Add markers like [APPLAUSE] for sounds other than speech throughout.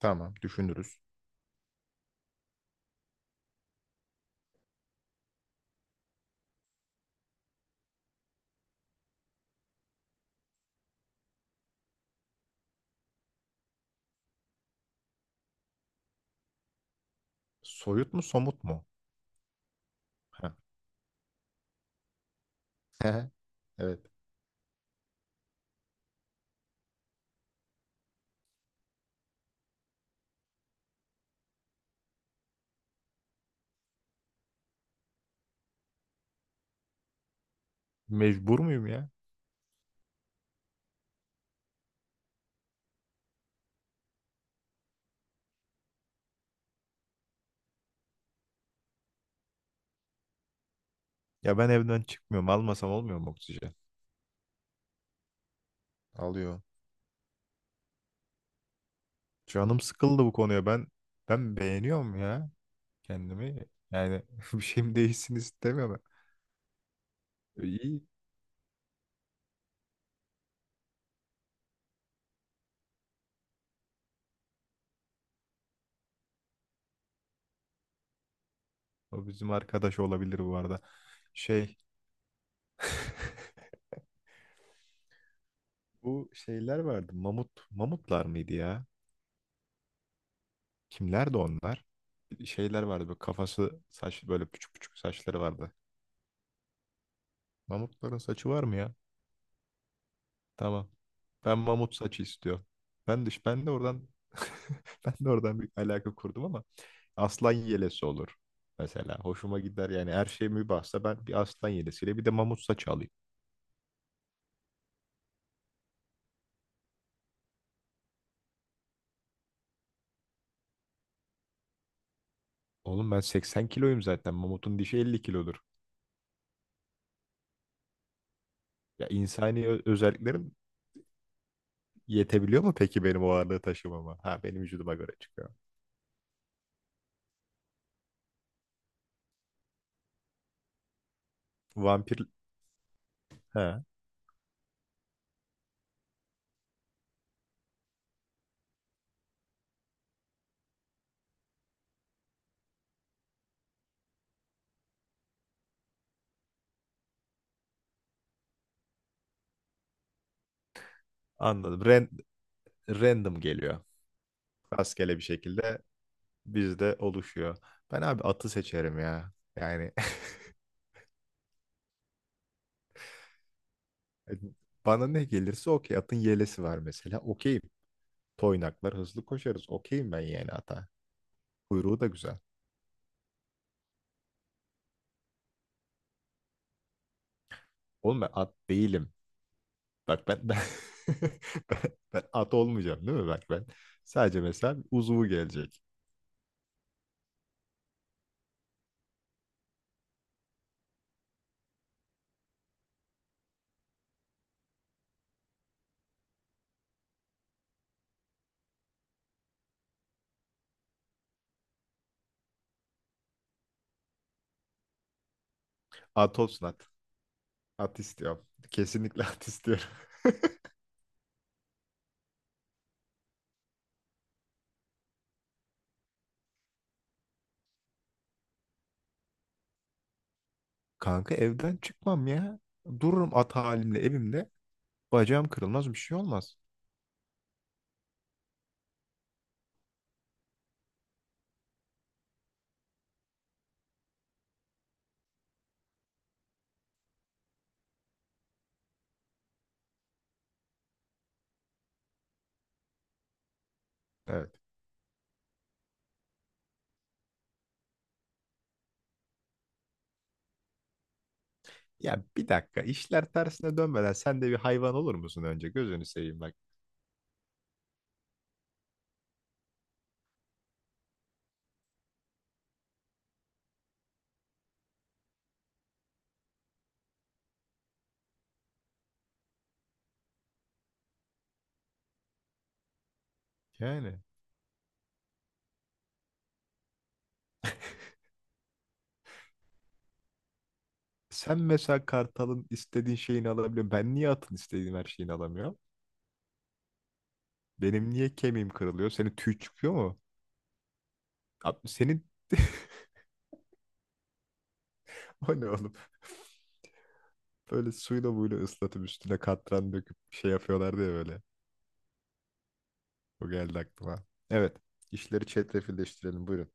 Tamam, düşünürüz. Soyut mu, somut mu? Ha. [LAUGHS] Evet. Mecbur muyum ya? Ya ben evden çıkmıyorum. Almasam olmuyor mu oksijen? Alıyor. Canım sıkıldı bu konuya. Ben beğeniyorum ya kendimi. Yani [LAUGHS] bir şeyim değişsin istemiyorum. İyi. O bizim arkadaş olabilir bu arada. Şey. [LAUGHS] Bu şeyler vardı. Mamut. Mamutlar mıydı ya? Kimlerdi onlar? Şeyler vardı. Böyle kafası saç böyle küçük küçük saçları vardı. Mamutların saçı var mı ya? Tamam. Ben mamut saçı istiyorum. Ben de oradan [LAUGHS] ben de oradan bir alaka kurdum ama aslan yelesi olur. Mesela hoşuma gider yani her şey mübahsa ben bir aslan yelesiyle bir de mamut saçı alayım. Oğlum ben 80 kiloyum zaten. Mamutun dişi 50 kilodur. Ya insani özelliklerim yetebiliyor mu peki benim o ağırlığı taşımama? Ha benim vücuduma göre çıkıyor. Vampir he anladım. Random geliyor. Rastgele bir şekilde bizde oluşuyor. Ben abi atı seçerim ya. Yani [LAUGHS] bana ne gelirse okey. Atın yelesi var mesela. Okeyim. Toynaklar hızlı koşarız. Okeyim ben yani ata. Kuyruğu da güzel. Oğlum ben at değilim. Bak ben [LAUGHS] ben, ben at olmayacağım değil mi? Bak ben sadece mesela uzuvu gelecek. At olsun at. At istiyorum. Kesinlikle at istiyorum. [LAUGHS] Kanka evden çıkmam ya. Dururum at halimle evimde. Bacağım kırılmaz bir şey olmaz. Evet. Ya bir dakika işler tersine dönmeden sen de bir hayvan olur musun önce gözünü seveyim bak. Yani sen mesela kartalın istediğin şeyini alabiliyor. Ben niye atın istediğim her şeyini alamıyorum? Benim niye kemiğim kırılıyor? Senin tüy çıkıyor mu? Abi senin [LAUGHS] o ne oğlum? Böyle suyla buyla ıslatıp üstüne katran döküp şey yapıyorlardı ya böyle. O geldi aklıma. Evet, İşleri çetrefilleştirelim buyurun.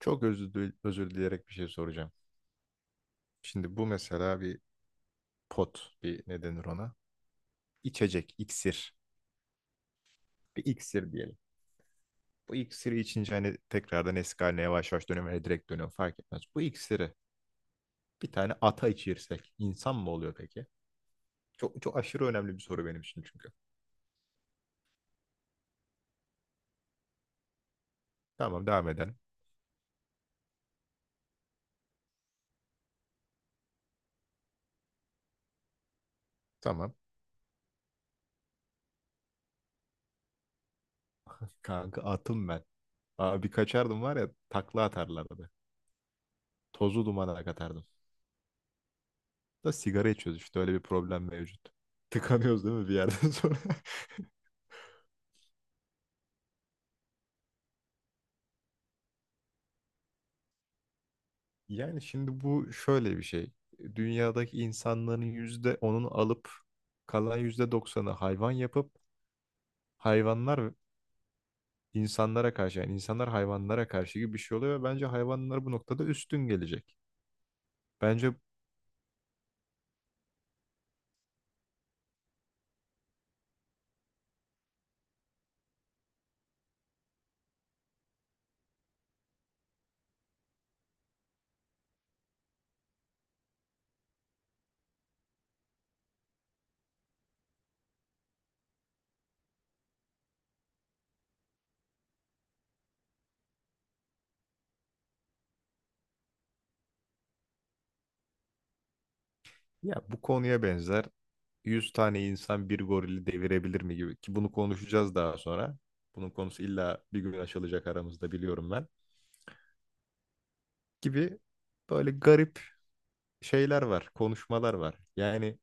Çok özür, özür dileyerek bir şey soracağım. Şimdi bu mesela bir pot bir ne denir ona? İçecek, iksir. Bir iksir diyelim. Bu iksiri içince hani tekrardan eski haline yavaş yavaş dönüyor veya direkt dönüyor fark etmez. Bu iksiri bir tane ata içirsek insan mı oluyor peki? Çok, çok aşırı önemli bir soru benim için çünkü. Tamam devam edelim. Tamam. [LAUGHS] Kanka atım ben. Abi kaçardım var ya takla atarlardı. Tozu dumana katardım. Da sigara içiyoruz işte öyle bir problem mevcut. Tıkanıyoruz değil mi bir yerden sonra? [LAUGHS] Yani şimdi bu şöyle bir şey. Dünyadaki insanların yüzde onunu alıp kalan yüzde doksanı hayvan yapıp hayvanlar insanlara karşı yani insanlar hayvanlara karşı gibi bir şey oluyor ve bence hayvanlar bu noktada üstün gelecek. Bence ya bu konuya benzer 100 tane insan bir gorili devirebilir mi gibi ki bunu konuşacağız daha sonra. Bunun konusu illa bir gün açılacak aramızda biliyorum ben. Gibi böyle garip şeyler var, konuşmalar var. Yani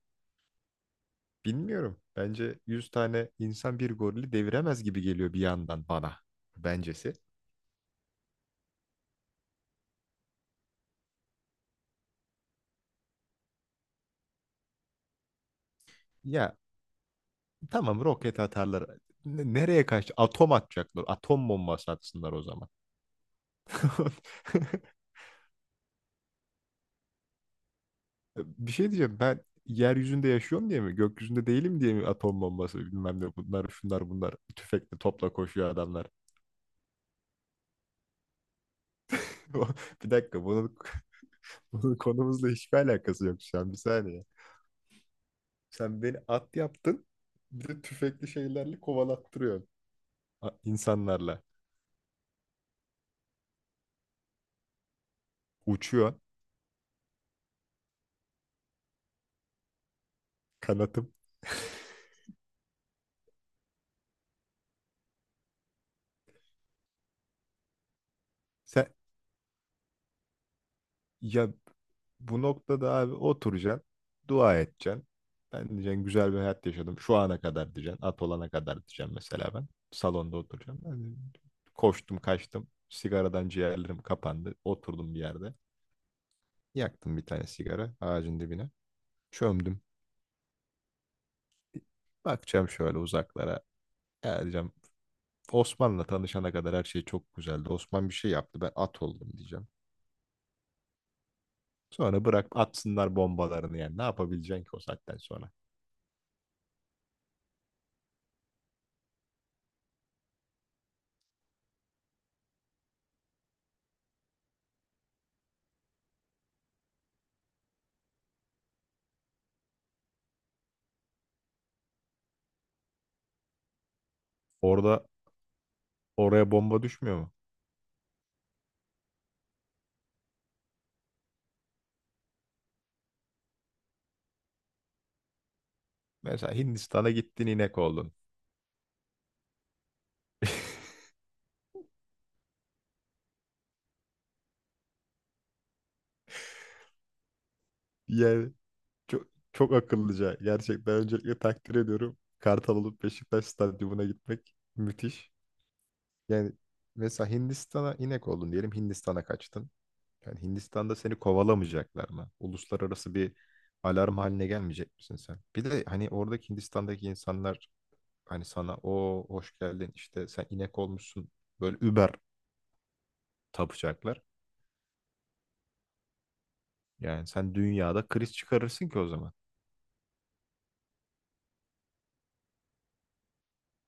bilmiyorum. Bence 100 tane insan bir gorili deviremez gibi geliyor bir yandan bana. Bencesi. Ya tamam roket atarlar. Nereye kaç? Atom atacaklar. Atom bombası atsınlar o zaman. [LAUGHS] Bir şey diyeceğim. Ben yeryüzünde yaşıyorum diye mi? Gökyüzünde değilim diye mi atom bombası bilmem ne bunlar şunlar bunlar tüfekle topla koşuyor adamlar. [LAUGHS] Bir dakika bunun, [LAUGHS] bunun konumuzla hiçbir alakası yok şu an. Bir saniye. Sen beni at yaptın. Bir de tüfekli şeylerle kovalattırıyorsun. İnsanlarla uçuyor kanatım. Sen ya bu noktada abi oturacaksın, dua edeceksin. Ben diyeceksin güzel bir hayat yaşadım. Şu ana kadar diyeceksin. At olana kadar diyeceğim mesela ben. Salonda oturacağım. Ben de koştum kaçtım. Sigaradan ciğerlerim kapandı. Oturdum bir yerde. Yaktım bir tane sigara ağacın dibine. Çömdüm. Bakacağım şöyle uzaklara. Ya diyeceğim Osman'la tanışana kadar her şey çok güzeldi. Osman bir şey yaptı. Ben at oldum diyeceğim. Sonra bırak atsınlar bombalarını yani. Ne yapabileceksin ki o saatten sonra? Orada oraya bomba düşmüyor mu? Mesela Hindistan'a gittin inek oldun. [LAUGHS] Yani çok, çok akıllıca. Gerçekten öncelikle takdir ediyorum. Kartal olup Beşiktaş stadyumuna gitmek müthiş. Yani mesela Hindistan'a inek oldun diyelim. Hindistan'a kaçtın. Yani Hindistan'da seni kovalamayacaklar mı? Uluslararası bir alarm haline gelmeyecek misin sen? Bir de hani oradaki Hindistan'daki insanlar hani sana o hoş geldin işte sen inek olmuşsun böyle über tapacaklar. Yani sen dünyada kriz çıkarırsın ki o zaman.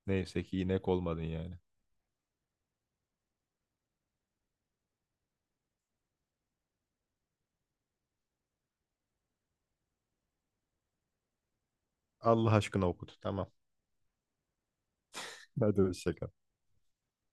Neyse ki inek olmadın yani. Allah aşkına okut. Tamam. Hadi hoşça kal.